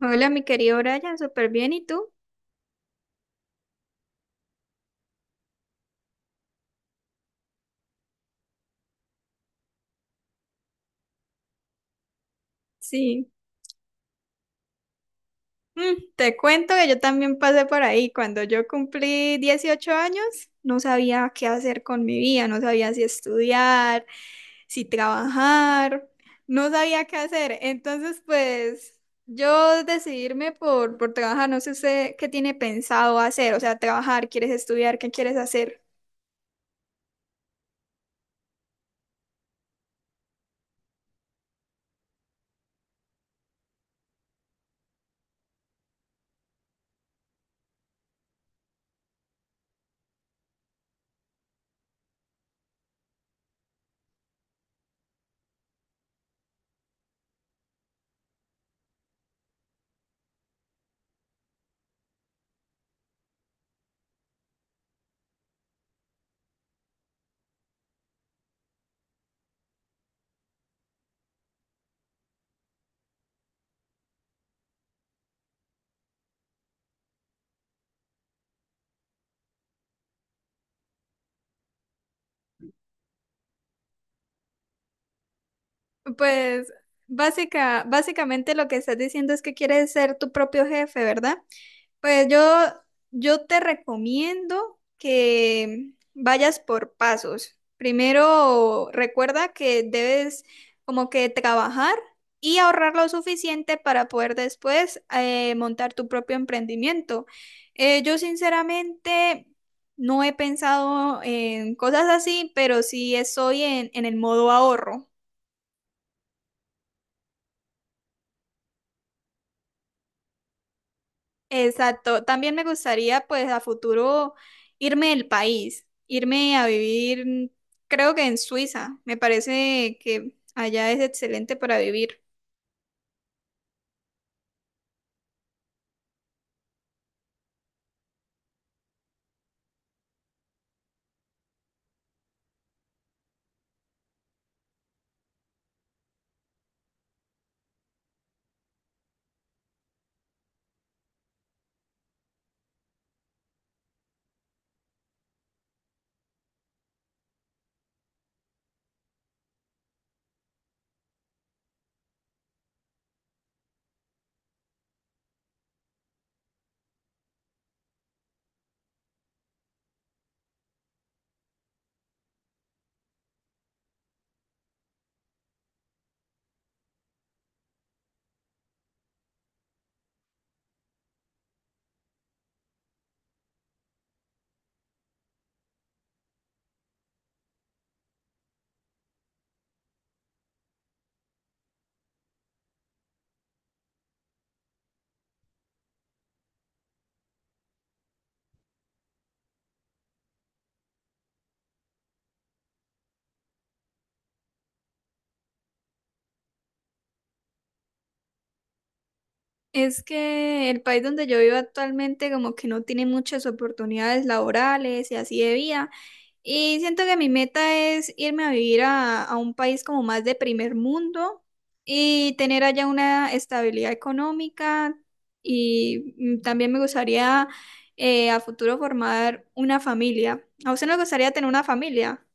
Hola, mi querido Brian, súper bien. ¿Y tú? Sí. Te cuento que yo también pasé por ahí. Cuando yo cumplí 18 años, no sabía qué hacer con mi vida, no sabía si estudiar, si trabajar, no sabía qué hacer. Entonces, pues yo decidirme por trabajar, no sé usted qué tiene pensado hacer, o sea, trabajar, ¿quieres estudiar? ¿Qué quieres hacer? Pues básicamente lo que estás diciendo es que quieres ser tu propio jefe, ¿verdad? Pues yo te recomiendo que vayas por pasos. Primero, recuerda que debes como que trabajar y ahorrar lo suficiente para poder después montar tu propio emprendimiento. Yo sinceramente no he pensado en cosas así, pero sí estoy en el modo ahorro. Exacto. También me gustaría, pues, a futuro irme del país, irme a vivir, creo que en Suiza. Me parece que allá es excelente para vivir. Es que el país donde yo vivo actualmente como que no tiene muchas oportunidades laborales y así de vida. Y siento que mi meta es irme a vivir a un país como más de primer mundo y tener allá una estabilidad económica. Y también me gustaría a futuro formar una familia. ¿A usted no le gustaría tener una familia?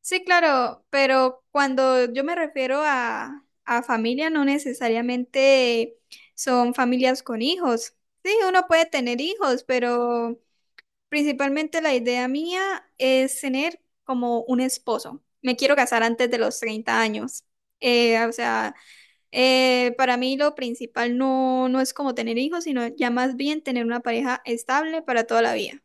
Sí, claro, pero cuando yo me refiero a familia, no necesariamente son familias con hijos. Sí, uno puede tener hijos, pero principalmente la idea mía es tener como un esposo. Me quiero casar antes de los 30 años. O sea, para mí lo principal no es como tener hijos, sino ya más bien tener una pareja estable para toda la vida.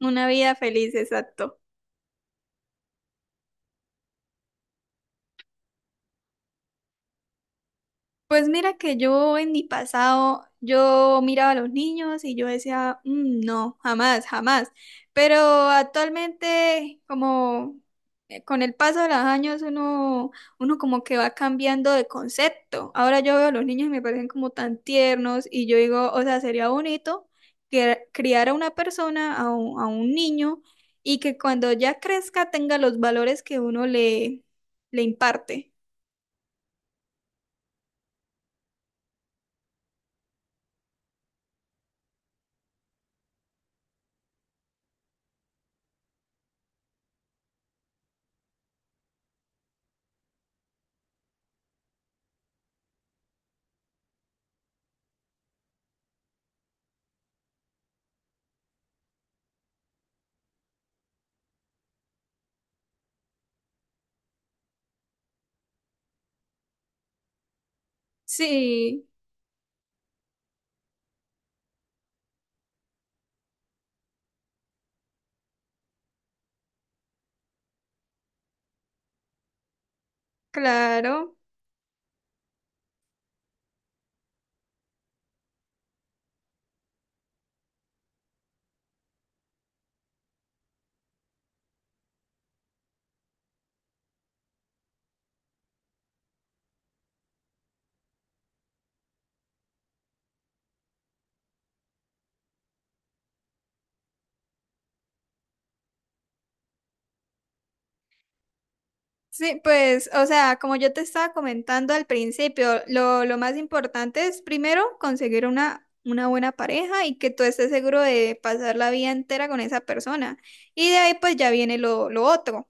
Una vida feliz, exacto. Pues mira que yo en mi pasado, yo miraba a los niños y yo decía, "Mm, no, jamás, jamás". Pero actualmente, como con el paso de los años, uno como que va cambiando de concepto. Ahora yo veo a los niños y me parecen como tan tiernos y yo digo, o sea, sería bonito que criar a una persona, a un niño, y que cuando ya crezca tenga los valores que uno le imparte. Sí, claro. Sí, pues, o sea, como yo te estaba comentando al principio, lo más importante es primero conseguir una buena pareja y que tú estés seguro de pasar la vida entera con esa persona. Y de ahí pues ya viene lo otro.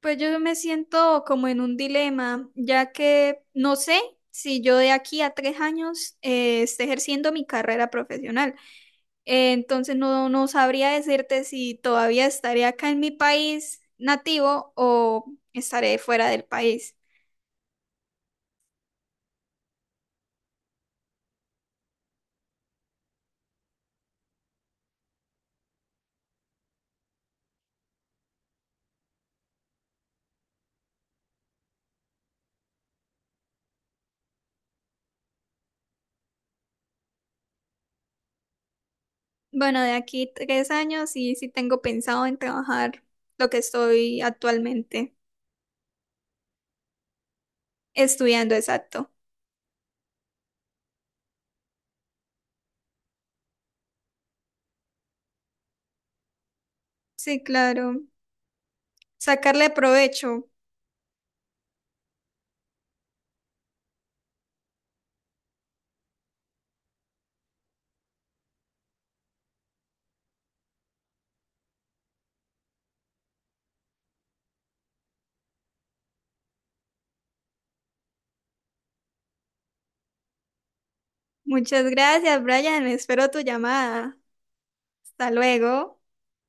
Pues yo me siento como en un dilema, ya que no sé si yo de aquí a 3 años esté ejerciendo mi carrera profesional. Entonces no sabría decirte si todavía estaré acá en mi país nativo o estaré fuera del país. Bueno, de aquí 3 años sí tengo pensado en trabajar lo que estoy actualmente estudiando, exacto. Sí, claro. Sacarle provecho. Muchas gracias, Brian. Espero tu llamada. Hasta luego.